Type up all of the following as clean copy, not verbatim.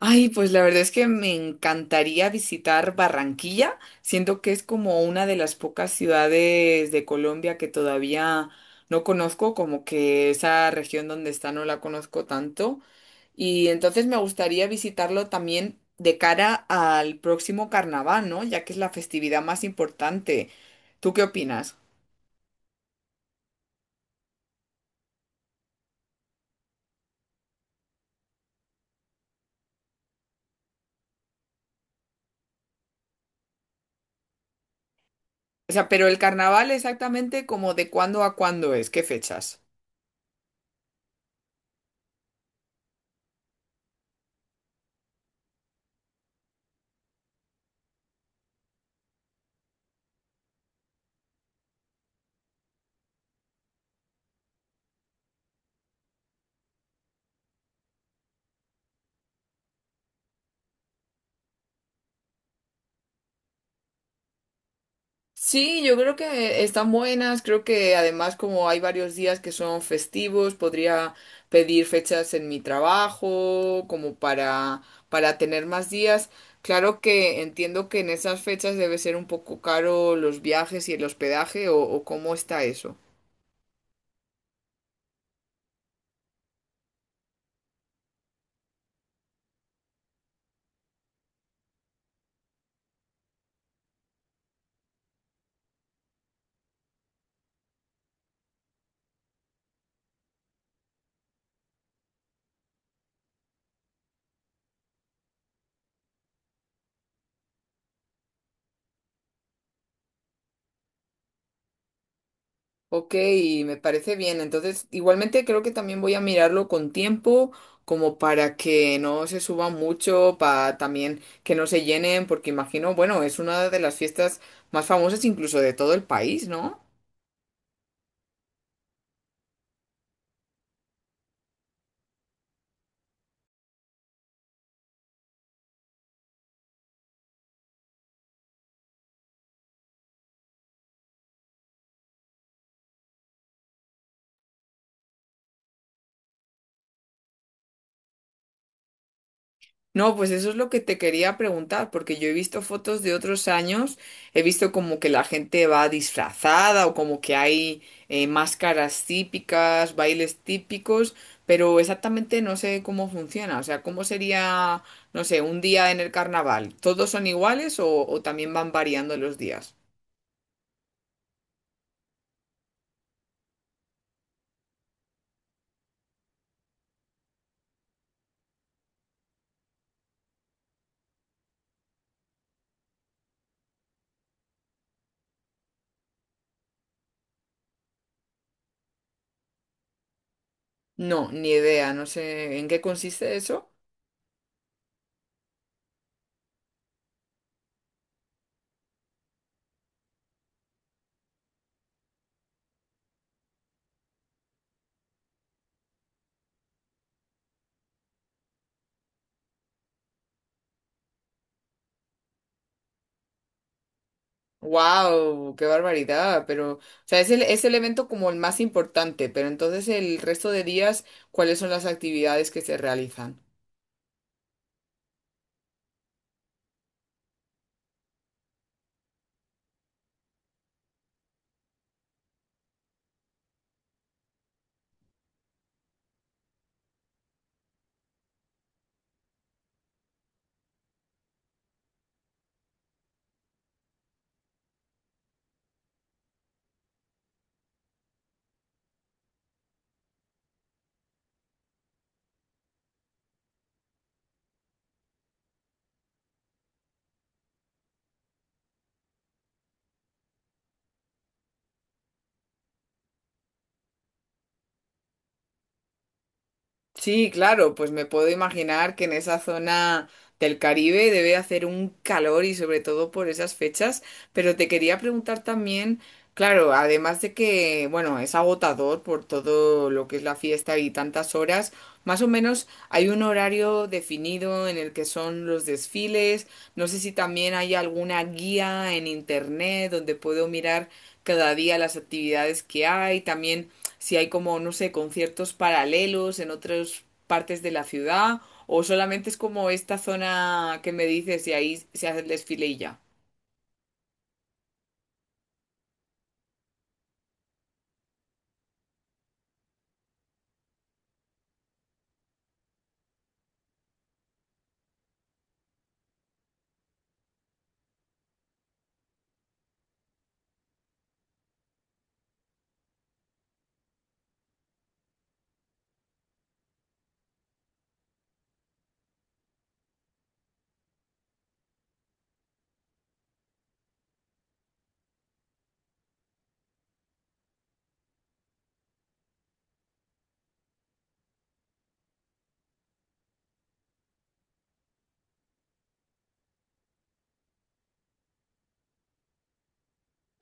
Ay, pues la verdad es que me encantaría visitar Barranquilla, siento que es como una de las pocas ciudades de Colombia que todavía no conozco, como que esa región donde está no la conozco tanto, y entonces me gustaría visitarlo también de cara al próximo carnaval, ¿no? Ya que es la festividad más importante. ¿Tú qué opinas? O sea, pero el carnaval exactamente como de cuándo a cuándo es, ¿qué fechas? Sí, yo creo que están buenas, creo que además como hay varios días que son festivos, podría pedir fechas en mi trabajo como para tener más días. Claro que entiendo que en esas fechas debe ser un poco caro los viajes y el hospedaje o cómo está eso. Ok, me parece bien. Entonces, igualmente creo que también voy a mirarlo con tiempo, como para que no se suba mucho, para también que no se llenen, porque imagino, bueno, es una de las fiestas más famosas incluso de todo el país, ¿no? No, pues eso es lo que te quería preguntar, porque yo he visto fotos de otros años, he visto como que la gente va disfrazada o como que hay máscaras típicas, bailes típicos, pero exactamente no sé cómo funciona, o sea, cómo sería, no sé, un día en el carnaval, ¿todos son iguales o también van variando los días? No, ni idea, no sé en qué consiste eso. Wow, qué barbaridad, pero, o sea, es el evento como el más importante, pero entonces el resto de días, ¿cuáles son las actividades que se realizan? Sí, claro, pues me puedo imaginar que en esa zona del Caribe debe hacer un calor y sobre todo por esas fechas, pero te quería preguntar también, claro, además de que, bueno, es agotador por todo lo que es la fiesta y tantas horas, más o menos hay un horario definido en el que son los desfiles, no sé si también hay alguna guía en internet donde puedo mirar cada día las actividades que hay, también si hay como, no sé, conciertos paralelos en otras partes de la ciudad o solamente es como esta zona que me dices y ahí se hace el desfile y ya.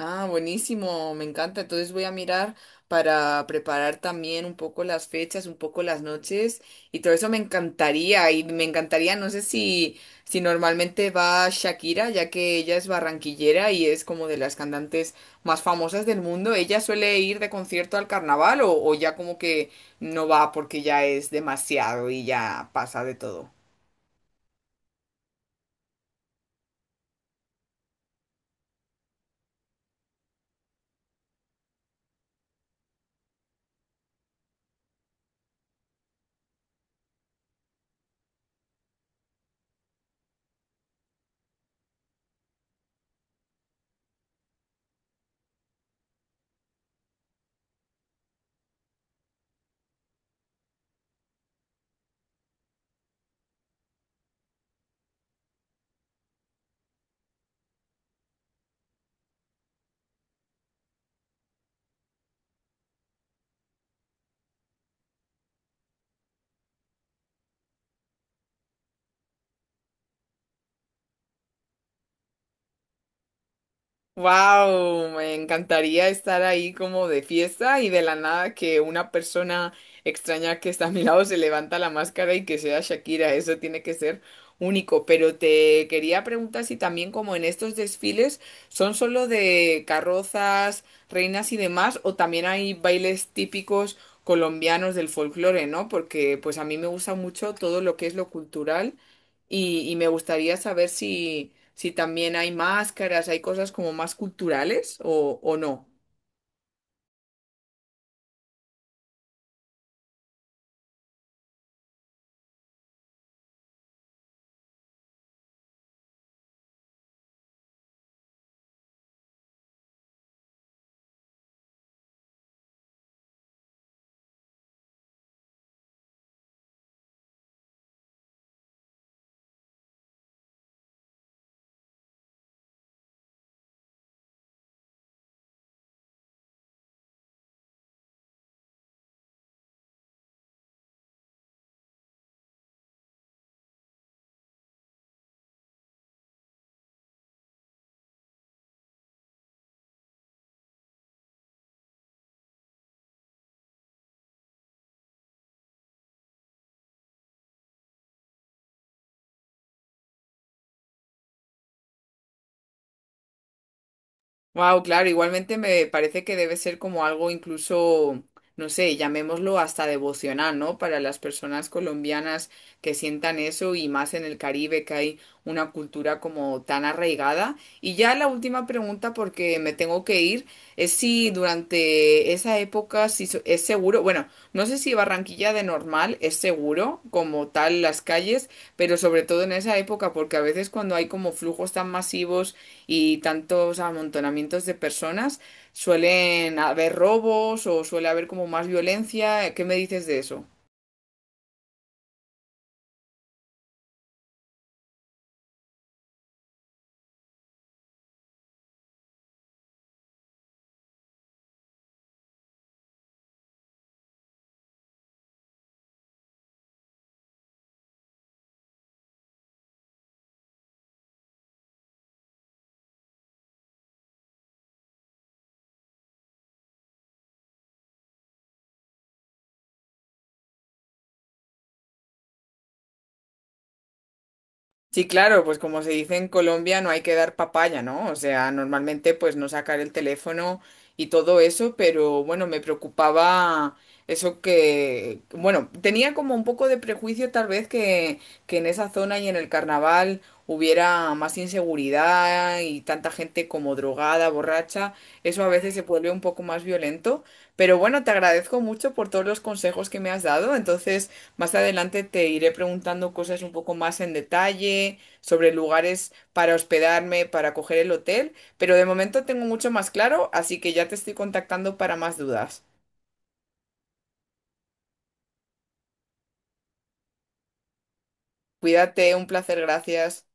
Ah, buenísimo, me encanta. Entonces voy a mirar para preparar también un poco las fechas, un poco las noches y todo eso me encantaría y me encantaría, no sé si normalmente va Shakira, ya que ella es barranquillera y es como de las cantantes más famosas del mundo. ¿Ella suele ir de concierto al carnaval o ya como que no va porque ya es demasiado y ya pasa de todo? Wow, me encantaría estar ahí como de fiesta y de la nada que una persona extraña que está a mi lado se levanta la máscara y que sea Shakira, eso tiene que ser único. Pero te quería preguntar si también como en estos desfiles son solo de carrozas, reinas y demás, o también hay bailes típicos colombianos del folclore, ¿no? Porque pues a mí me gusta mucho todo lo que es lo cultural y me gustaría saber si también hay máscaras, hay cosas como más culturales o no. Wow, claro, igualmente me parece que debe ser como algo incluso, no sé, llamémoslo hasta devocional, ¿no? Para las personas colombianas que sientan eso y más en el Caribe que hay una cultura como tan arraigada. Y ya la última pregunta, porque me tengo que ir, es si durante esa época si so- es seguro, bueno, no sé si Barranquilla de normal es seguro como tal las calles, pero sobre todo en esa época, porque a veces cuando hay como flujos tan masivos y tantos amontonamientos de personas, suelen haber robos o suele haber como más violencia. ¿Qué me dices de eso? Sí, claro, pues como se dice en Colombia, no hay que dar papaya, ¿no? O sea, normalmente pues no sacar el teléfono y todo eso, pero bueno, me preocupaba eso que, bueno, tenía como un poco de prejuicio tal vez que en esa zona y en el carnaval hubiera más inseguridad y tanta gente como drogada, borracha, eso a veces se vuelve un poco más violento, pero bueno, te agradezco mucho por todos los consejos que me has dado, entonces... Más adelante te iré preguntando cosas un poco más en detalle sobre lugares para hospedarme, para coger el hotel, pero de momento tengo mucho más claro, así que ya te estoy contactando para más dudas. Cuídate, un placer, gracias.